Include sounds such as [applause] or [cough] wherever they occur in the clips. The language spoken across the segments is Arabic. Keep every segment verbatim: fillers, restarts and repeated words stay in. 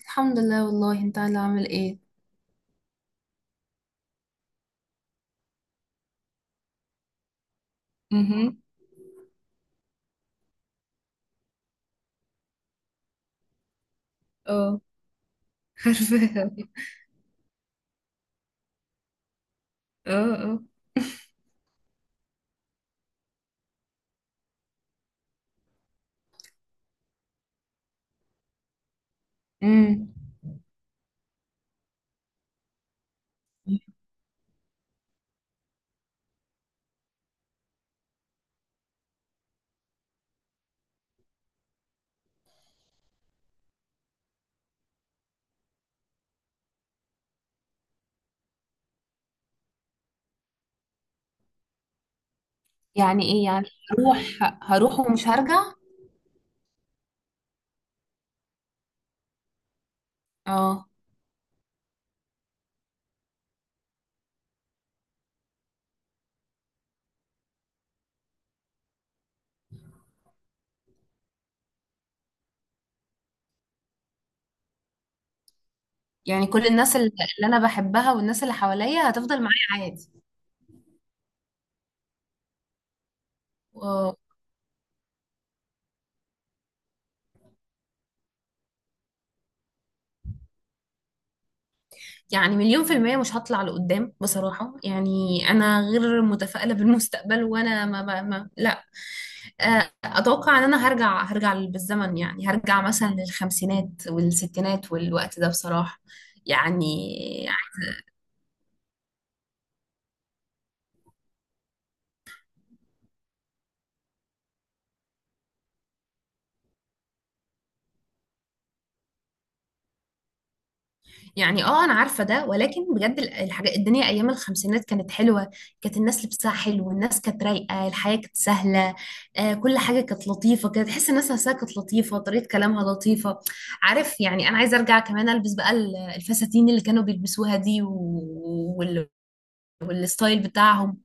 الحمد لله. والله انت اللي عامل ايه؟ امم اه. [laughs] عارفاها. اه اه. امم يعني ايه يعني؟ هروح هروح ومش هرجع. اه، يعني كل الناس اللي اللي انا بحبها والناس اللي حواليا هتفضل معايا عادي. اه، يعني مليون في المية مش هطلع لقدام بصراحة يعني. أنا غير متفائلة بالمستقبل، وأنا ما, ما, ما لا، آه، أتوقع إن أنا هرجع هرجع بالزمن. يعني هرجع مثلا للخمسينات والستينات والوقت ده بصراحة يعني. يعني اه، انا عارفه ده، ولكن بجد ال- الحاجه، الدنيا ايام الخمسينات كانت حلوه. كانت الناس لبسها حلو، والناس كانت رايقه، الحياه كانت سهله. آه، كل حاجه كانت لطيفه. كانت تحس الناس نفسها كانت لطيفه، طريقه كلامها لطيفه. عارف يعني انا عايزه ارجع كمان البس بقى ال- الفساتين اللي كانوا بيلبسوها دي، و... وال... والستايل بتاعهم.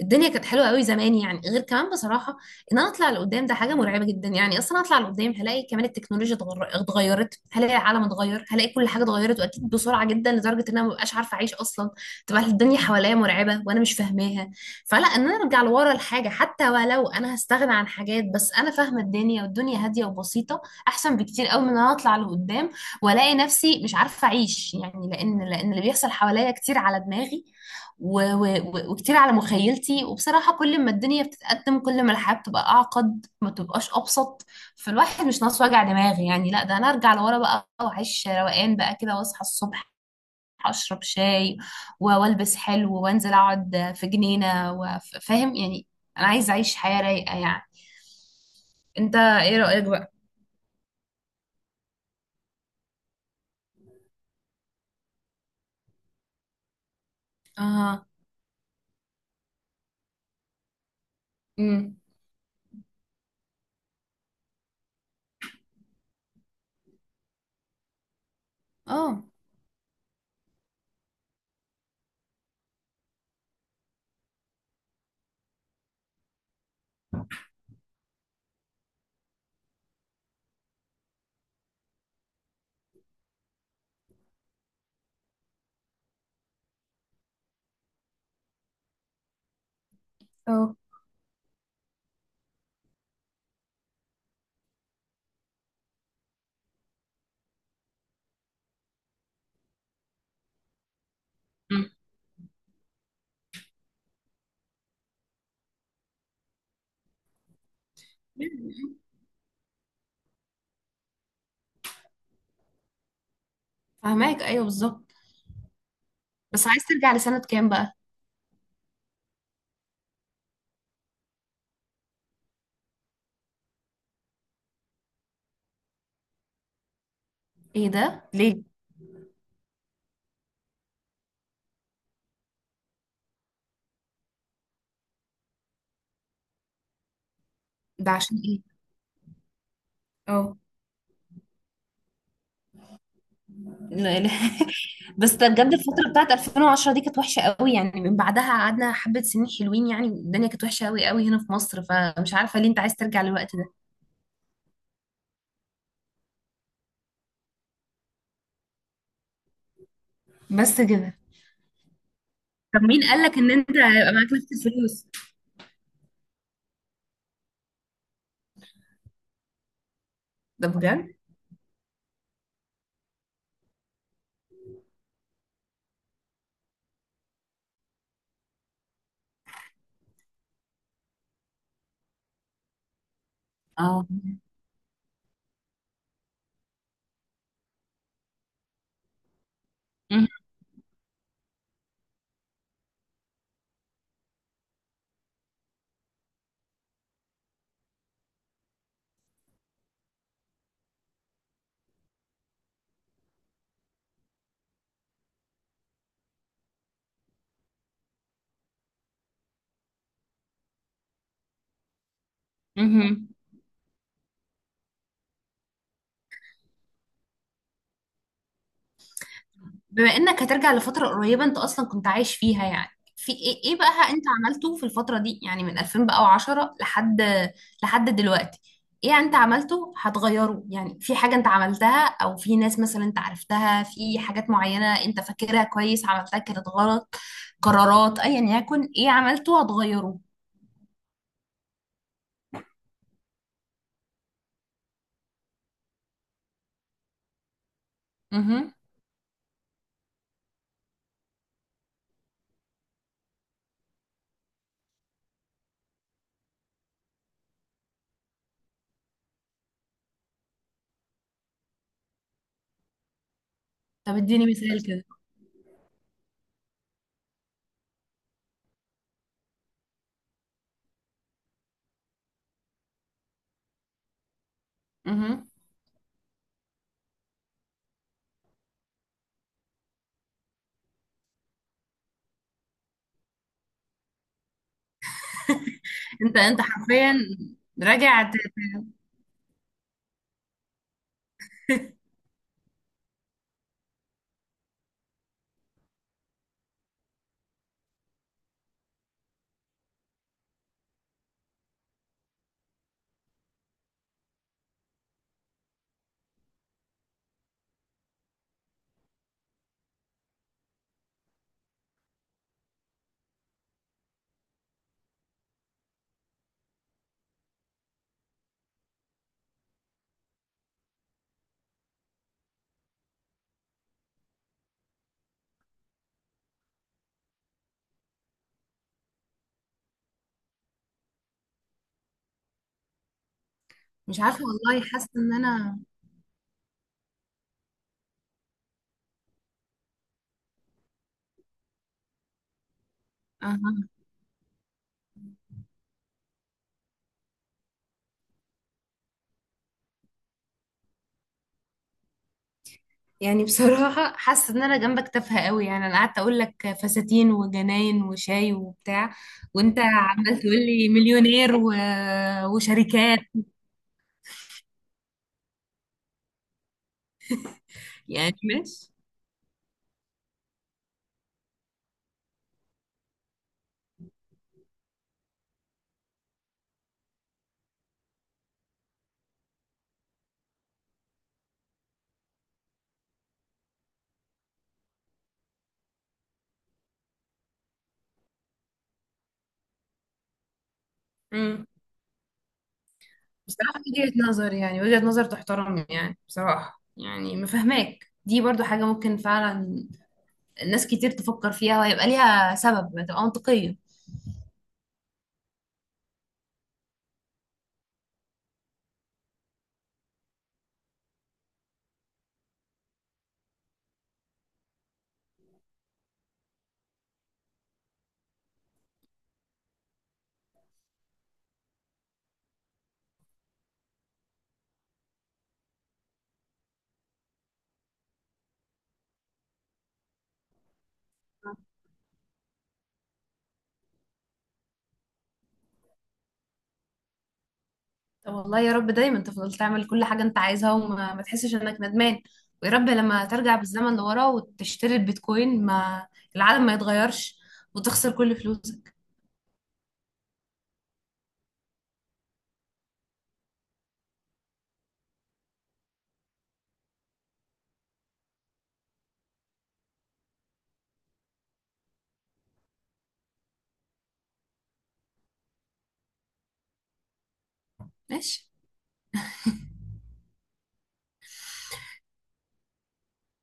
الدنيا كانت حلوه قوي زمان، يعني غير كمان بصراحه. ان انا اطلع لقدام ده حاجه مرعبه جدا يعني. اصلا اطلع لقدام هلاقي كمان التكنولوجيا اتغر- اتغيرت، هلاقي العالم اتغير، هلاقي كل حاجه اتغيرت، واكيد بسرعه جدا لدرجه ان انا مبقاش عارفه اعيش اصلا. تبقى الدنيا حواليا مرعبه وانا مش فاهماها. فلا، ان انا ارجع لورا الحاجه، حتى ولو انا هستغنى عن حاجات، بس انا فاهمه الدنيا والدنيا هاديه وبسيطه، احسن بكتير قوي من ان انا اطلع لقدام والاقي نفسي مش عارفه اعيش يعني. لان لان اللي بيحصل حواليا كتير على دماغي، و... و... و- وكتير على مخيلتي. وبصراحة كل ما الدنيا بتتقدم، كل ما الحياة بتبقى أعقد، ما بتبقاش أبسط. فالواحد مش ناقص وجع دماغ يعني. لا ده أنا أرجع لورا بقى وأعيش روقان بقى كده، وأصحى الصبح أشرب شاي، و- وألبس حلو، وأنزل أقعد في جنينة، وف- فاهم يعني. أنا عايزة أعيش حياة رايقة يعني. أنت إيه رأيك بقى؟ آه. أمم. آه. اه. أمم. فهماك، أيوه بالظبط. بس عايز ترجع لسنة كام بقى؟ إيه ده؟ ليه؟ ده عشان إيه؟ اه. لا- لا. [laughs] بس ده بجد الفترة بتاعت ألفين وعشرة دي كانت وحشة قوي يعني. من بعدها قعدنا حبة سنين حلوين يعني، الدنيا كانت وحشة قوي قوي هنا في مصر، فمش عارفة ليه انت عايز ترجع للوقت ده. بس كده؟ طب مين قالك ان انت هيبقى معاك نفس الفلوس؟ ده بجد؟ اه. مهم. مهم. بما انك هترجع لفترة قريبة انت اصلا كنت عايش فيها يعني، في ايه، ايه بقى انت عملته في الفترة دي يعني من ألفين وعشرة لحد لحد دلوقتي؟ ايه انت عملته هتغيره؟ يعني في حاجة انت عملتها او في ناس مثلا انت عرفتها، في حاجات معينة انت فاكرها كويس عملتها كانت غلط؟ قرارات، ايا يكن ايه عملته هتغيره؟ اها. طب اديني مثال كده. اها. انت انت حرفيا راجع ت- ت- مش عارفة والله، حاسة ان انا، اها، يعني بصراحة حاسة ان انا جنبك تافهة قوي يعني. انا قعدت اقول لك فساتين وجناين وشاي وبتاع، وانت عمال تقول لي مليونير و... وشركات. يعني ماشي. امم. بصراحة وجهة نظر، يعني وجهة نظر تحترم يعني. بصراحة يعني مفهماك، دي برضو حاجة ممكن فعلا ناس كتير تفكر فيها وهيبقى ليها سبب، هتبقى منطقية. طب والله يا رب دايما تفضل تعمل كل حاجة انت عايزها، وما ما تحسش انك ندمان. ويا رب لما ترجع بالزمن لورا وتشتري البيتكوين ما العالم ما يتغيرش وتخسر كل فلوسك. ماشي.